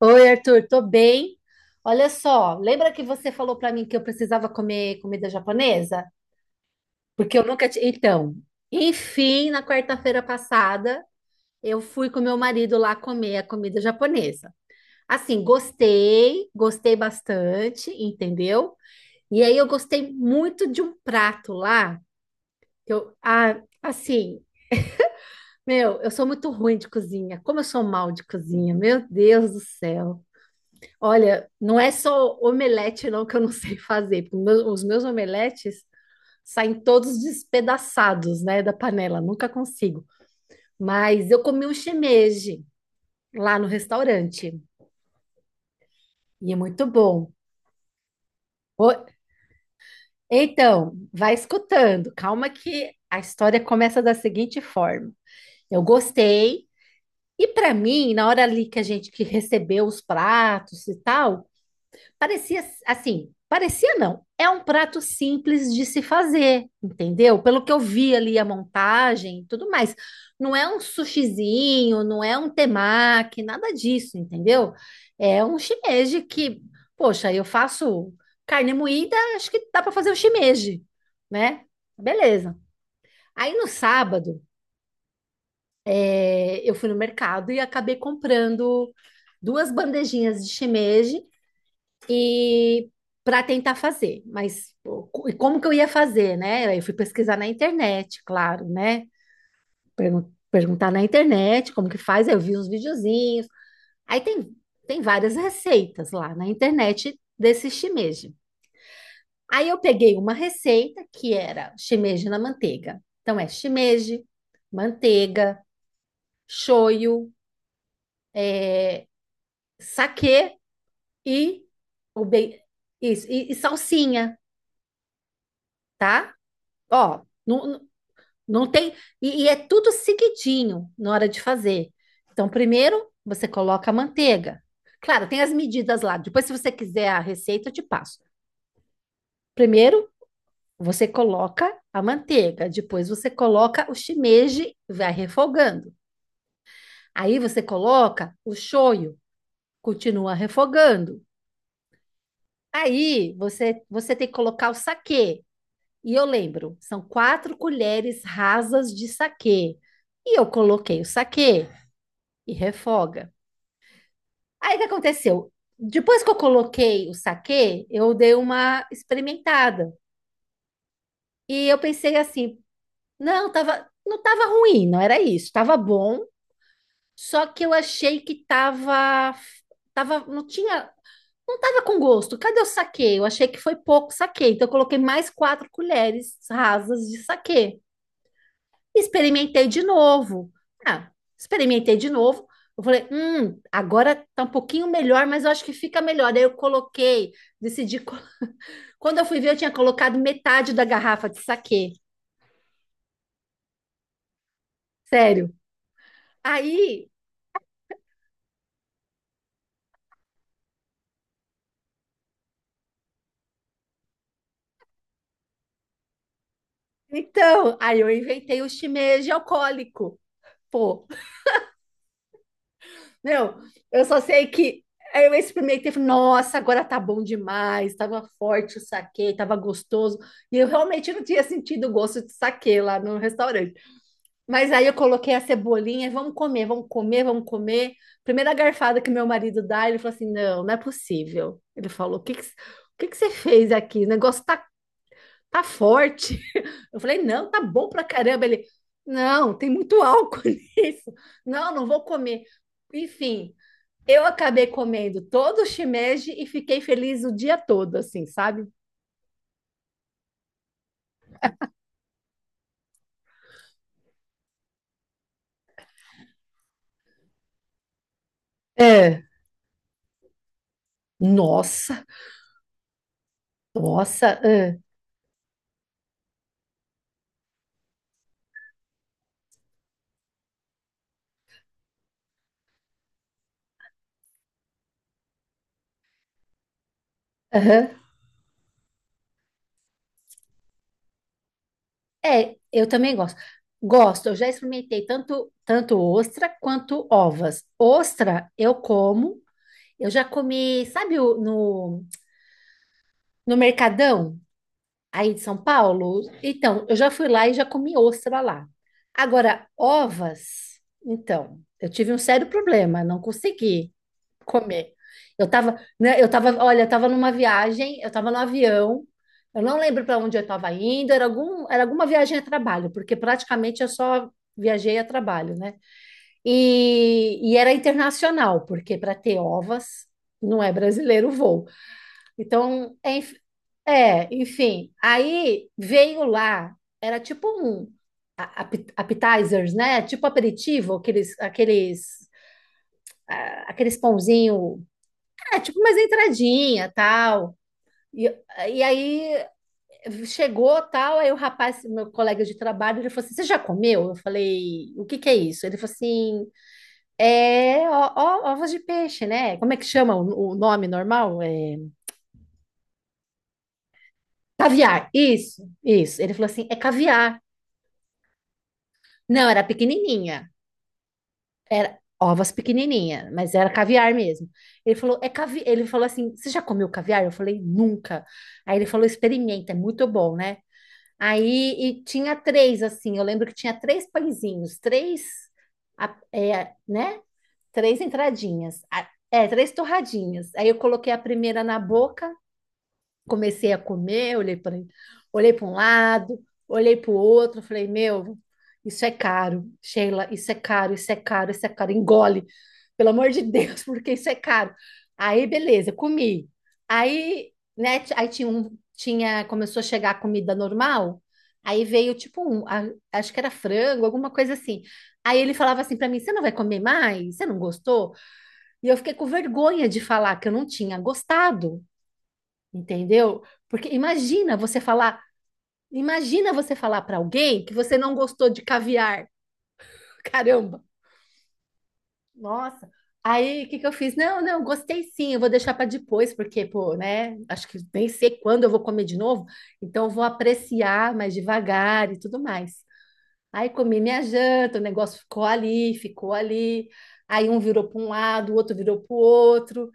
Oi, Arthur, tô bem. Olha só, lembra que você falou pra mim que eu precisava comer comida japonesa? Porque eu nunca tinha. Então, enfim, na quarta-feira passada, eu fui com meu marido lá comer a comida japonesa. Assim, gostei, gostei bastante, entendeu? E aí eu gostei muito de um prato lá, que eu, assim, meu, eu sou muito ruim de cozinha. Como eu sou mal de cozinha, meu Deus do céu. Olha, não é só omelete não que eu não sei fazer, porque os meus omeletes saem todos despedaçados, né, da panela, nunca consigo. Mas eu comi um shimeji lá no restaurante e é muito bom. Ô, então, vai escutando, calma que a história começa da seguinte forma. Eu gostei e para mim, na hora ali que a gente que recebeu os pratos e tal, parecia assim, parecia não. É um prato simples de se fazer, entendeu? Pelo que eu vi ali a montagem e tudo mais. Não é um sushizinho, não é um temaki, nada disso, entendeu? É um shimeji que, poxa, eu faço carne moída, acho que dá para fazer o shimeji, né? Beleza. Aí no sábado, eu fui no mercado e acabei comprando duas bandejinhas de shimeji e para tentar fazer, mas e como que eu ia fazer, né? Aí eu fui pesquisar na internet, claro, né? Perguntar na internet como que faz, aí eu vi uns videozinhos. Aí tem várias receitas lá na internet desse shimeji. Aí eu peguei uma receita que era shimeji na manteiga. Então é shimeji, manteiga, shoyu, saquê e o bem, isso, e salsinha, tá? Ó, não, não tem. E é tudo seguidinho na hora de fazer. Então, primeiro você coloca a manteiga. Claro, tem as medidas lá. Depois, se você quiser a receita, eu te passo. Primeiro, você coloca a manteiga. Depois, você coloca o shimeji, vai refogando. Aí, você coloca o shoyu, continua refogando. Aí, você tem que colocar o saquê. E eu lembro, são quatro colheres rasas de saquê. E eu coloquei o saquê e refoga. Aí o que aconteceu? Depois que eu coloquei o saquê, eu dei uma experimentada. E eu pensei assim, não, não tava ruim, não era isso, tava bom, só que eu achei que tava, não tava com gosto. Cadê o saquê? Eu achei que foi pouco saquê, então eu coloquei mais quatro colheres rasas de saquê. Experimentei de novo. Ah, experimentei de novo. Eu falei, agora tá um pouquinho melhor, mas eu acho que fica melhor. Aí eu decidi. Quando eu fui ver, eu tinha colocado metade da garrafa de saquê. Sério. Aí, então, aí eu inventei o shimeji alcoólico. Pô, meu, eu só sei que aí eu experimentei, falei, nossa, agora tá bom demais, tava forte o saquê, tava gostoso. E eu realmente não tinha sentido o gosto de saquê lá no restaurante. Mas aí eu coloquei a cebolinha, vamos comer, vamos comer, vamos comer. Primeira garfada que meu marido dá, ele falou assim: não, não é possível. Ele falou: o que que você fez aqui? O negócio tá, tá forte. Eu falei: não, tá bom pra caramba. Ele: não, tem muito álcool nisso. Não, não vou comer. Enfim, eu acabei comendo todo o shimeji e fiquei feliz o dia todo, assim, sabe? É. Nossa, nossa, ah, aham. É, eu também gosto. Gosto, eu já experimentei tanto ostra quanto ovas. Ostra eu como, eu já comi, sabe, no Mercadão aí de São Paulo? Então, eu já fui lá e já comi ostra lá. Agora, ovas, então, eu tive um sério problema, não consegui comer. Eu tava, né, eu tava, olha, eu tava numa viagem, eu tava no avião, eu não lembro para onde eu estava indo, era alguma viagem a trabalho, porque praticamente eu só viajei a trabalho, né? E era internacional, porque para ter ovas não é brasileiro o voo. Então, enfim, aí veio lá, era tipo um appetizers, né? Tipo aperitivo, aqueles pãozinho, tipo, mas entradinha, tal. E, e aí chegou, tal, aí o rapaz, meu colega de trabalho, ele falou assim: você já comeu? Eu falei: o que que é isso? Ele falou assim: é ó, ó, ovos de peixe, né? Como é que chama o nome normal? É, caviar. Isso, isso. Ele falou assim: é caviar. Não, era pequenininha. Era ovas pequenininha, mas era caviar mesmo. Ele falou: é cavi... Ele falou assim: você já comeu caviar? Eu falei: nunca. Aí ele falou: experimenta, é muito bom, né? Aí e tinha três, assim, eu lembro que tinha três pãezinhos, três, a- é, né? três entradinhas, três torradinhas. Aí eu coloquei a primeira na boca, comecei a comer, olhei para um lado, olhei para o outro, falei, meu, isso é caro, Sheila, isso é caro, isso é caro, isso é caro, engole, pelo amor de Deus, porque isso é caro. Aí, beleza, comi. Aí, né, aí começou a chegar a comida normal, aí veio tipo um, acho que era frango, alguma coisa assim. Aí ele falava assim para mim, você não vai comer mais? Você não gostou? E eu fiquei com vergonha de falar que eu não tinha gostado, entendeu? Porque imagina você falar para alguém que você não gostou de caviar. Caramba, nossa. Aí, o que que eu fiz? Não, não, gostei sim, eu vou deixar para depois, porque, pô, né? Acho que nem sei quando eu vou comer de novo, então eu vou apreciar mais devagar e tudo mais. Aí comi minha janta, o negócio ficou ali, ficou ali. Aí um virou para um lado, o outro virou para o outro.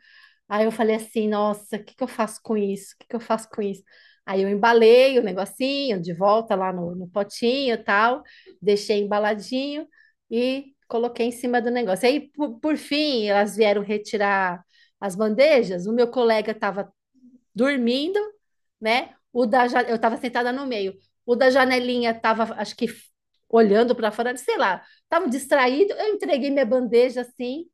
Aí eu falei assim, nossa, o que que eu faço com isso? O que que eu faço com isso? Aí eu embalei o negocinho de volta lá no potinho e tal, deixei embaladinho e coloquei em cima do negócio. Aí, por fim, elas vieram retirar as bandejas. O meu colega estava dormindo, né? Eu estava sentada no meio. O da janelinha estava, acho que, olhando para fora, sei lá, estava distraído. Eu entreguei minha bandeja assim.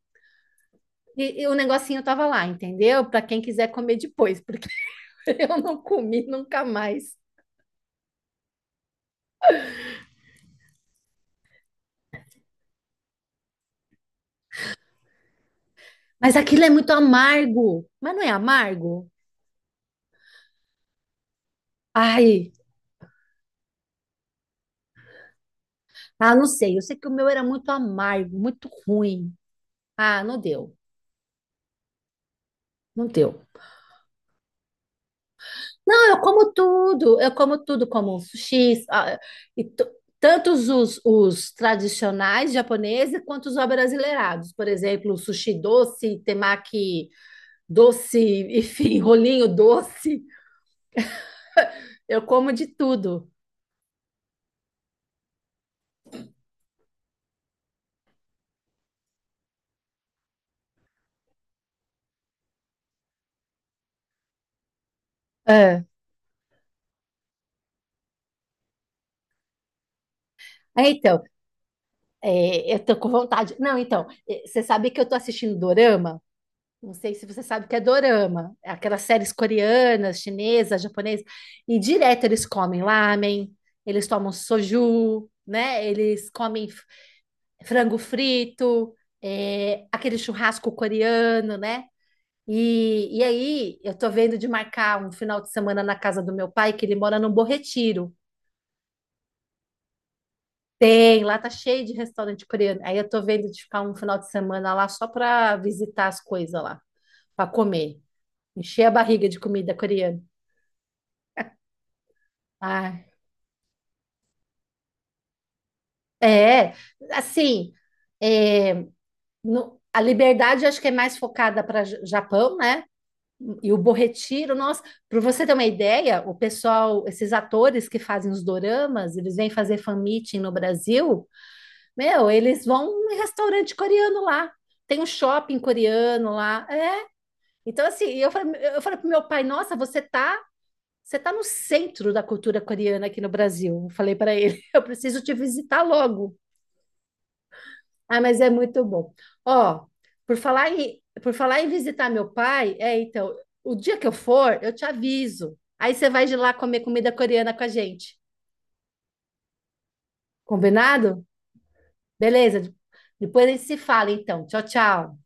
E o negocinho tava lá, entendeu? Para quem quiser comer depois, porque eu não comi nunca mais. Mas aquilo é muito amargo. Mas não é amargo? Ai, ah, não sei. Eu sei que o meu era muito amargo, muito ruim. Ah, não deu. Não, eu como tudo, como sushi, e tantos os tradicionais japoneses quanto os brasileirados. Por exemplo, sushi doce, temaki doce, enfim, rolinho doce. Eu como de tudo. Ah, é, então, eu tô com vontade. Não, então, você sabe que eu tô assistindo Dorama? Não sei se você sabe o que é Dorama. É aquelas séries coreanas, chinesas, japonesas. E direto eles comem lamen, eles tomam soju, né? Eles comem frango frito, aquele churrasco coreano, né? E aí, eu tô vendo de marcar um final de semana na casa do meu pai, que ele mora num Bom Retiro. Tem, lá tá cheio de restaurante coreano. Aí eu tô vendo de ficar um final de semana lá só pra visitar as coisas lá, pra comer. Encher a barriga de comida coreana. Ah, é, assim, é, a liberdade acho que é mais focada para Japão, né? E o Bom Retiro, nossa, para você ter uma ideia, o pessoal, esses atores que fazem os doramas, eles vêm fazer fan meeting no Brasil, meu, eles vão em restaurante coreano lá, tem um shopping coreano lá, é, então, assim, eu falei pro meu pai, nossa, você tá no centro da cultura coreana aqui no Brasil. Eu falei para ele, eu preciso te visitar logo. Ah, mas é muito bom. Ó, por falar em visitar meu pai, é, então, o dia que eu for, eu te aviso. Aí você vai de lá comer comida coreana com a gente. Combinado? Beleza. Depois a gente se fala, então. Tchau, tchau.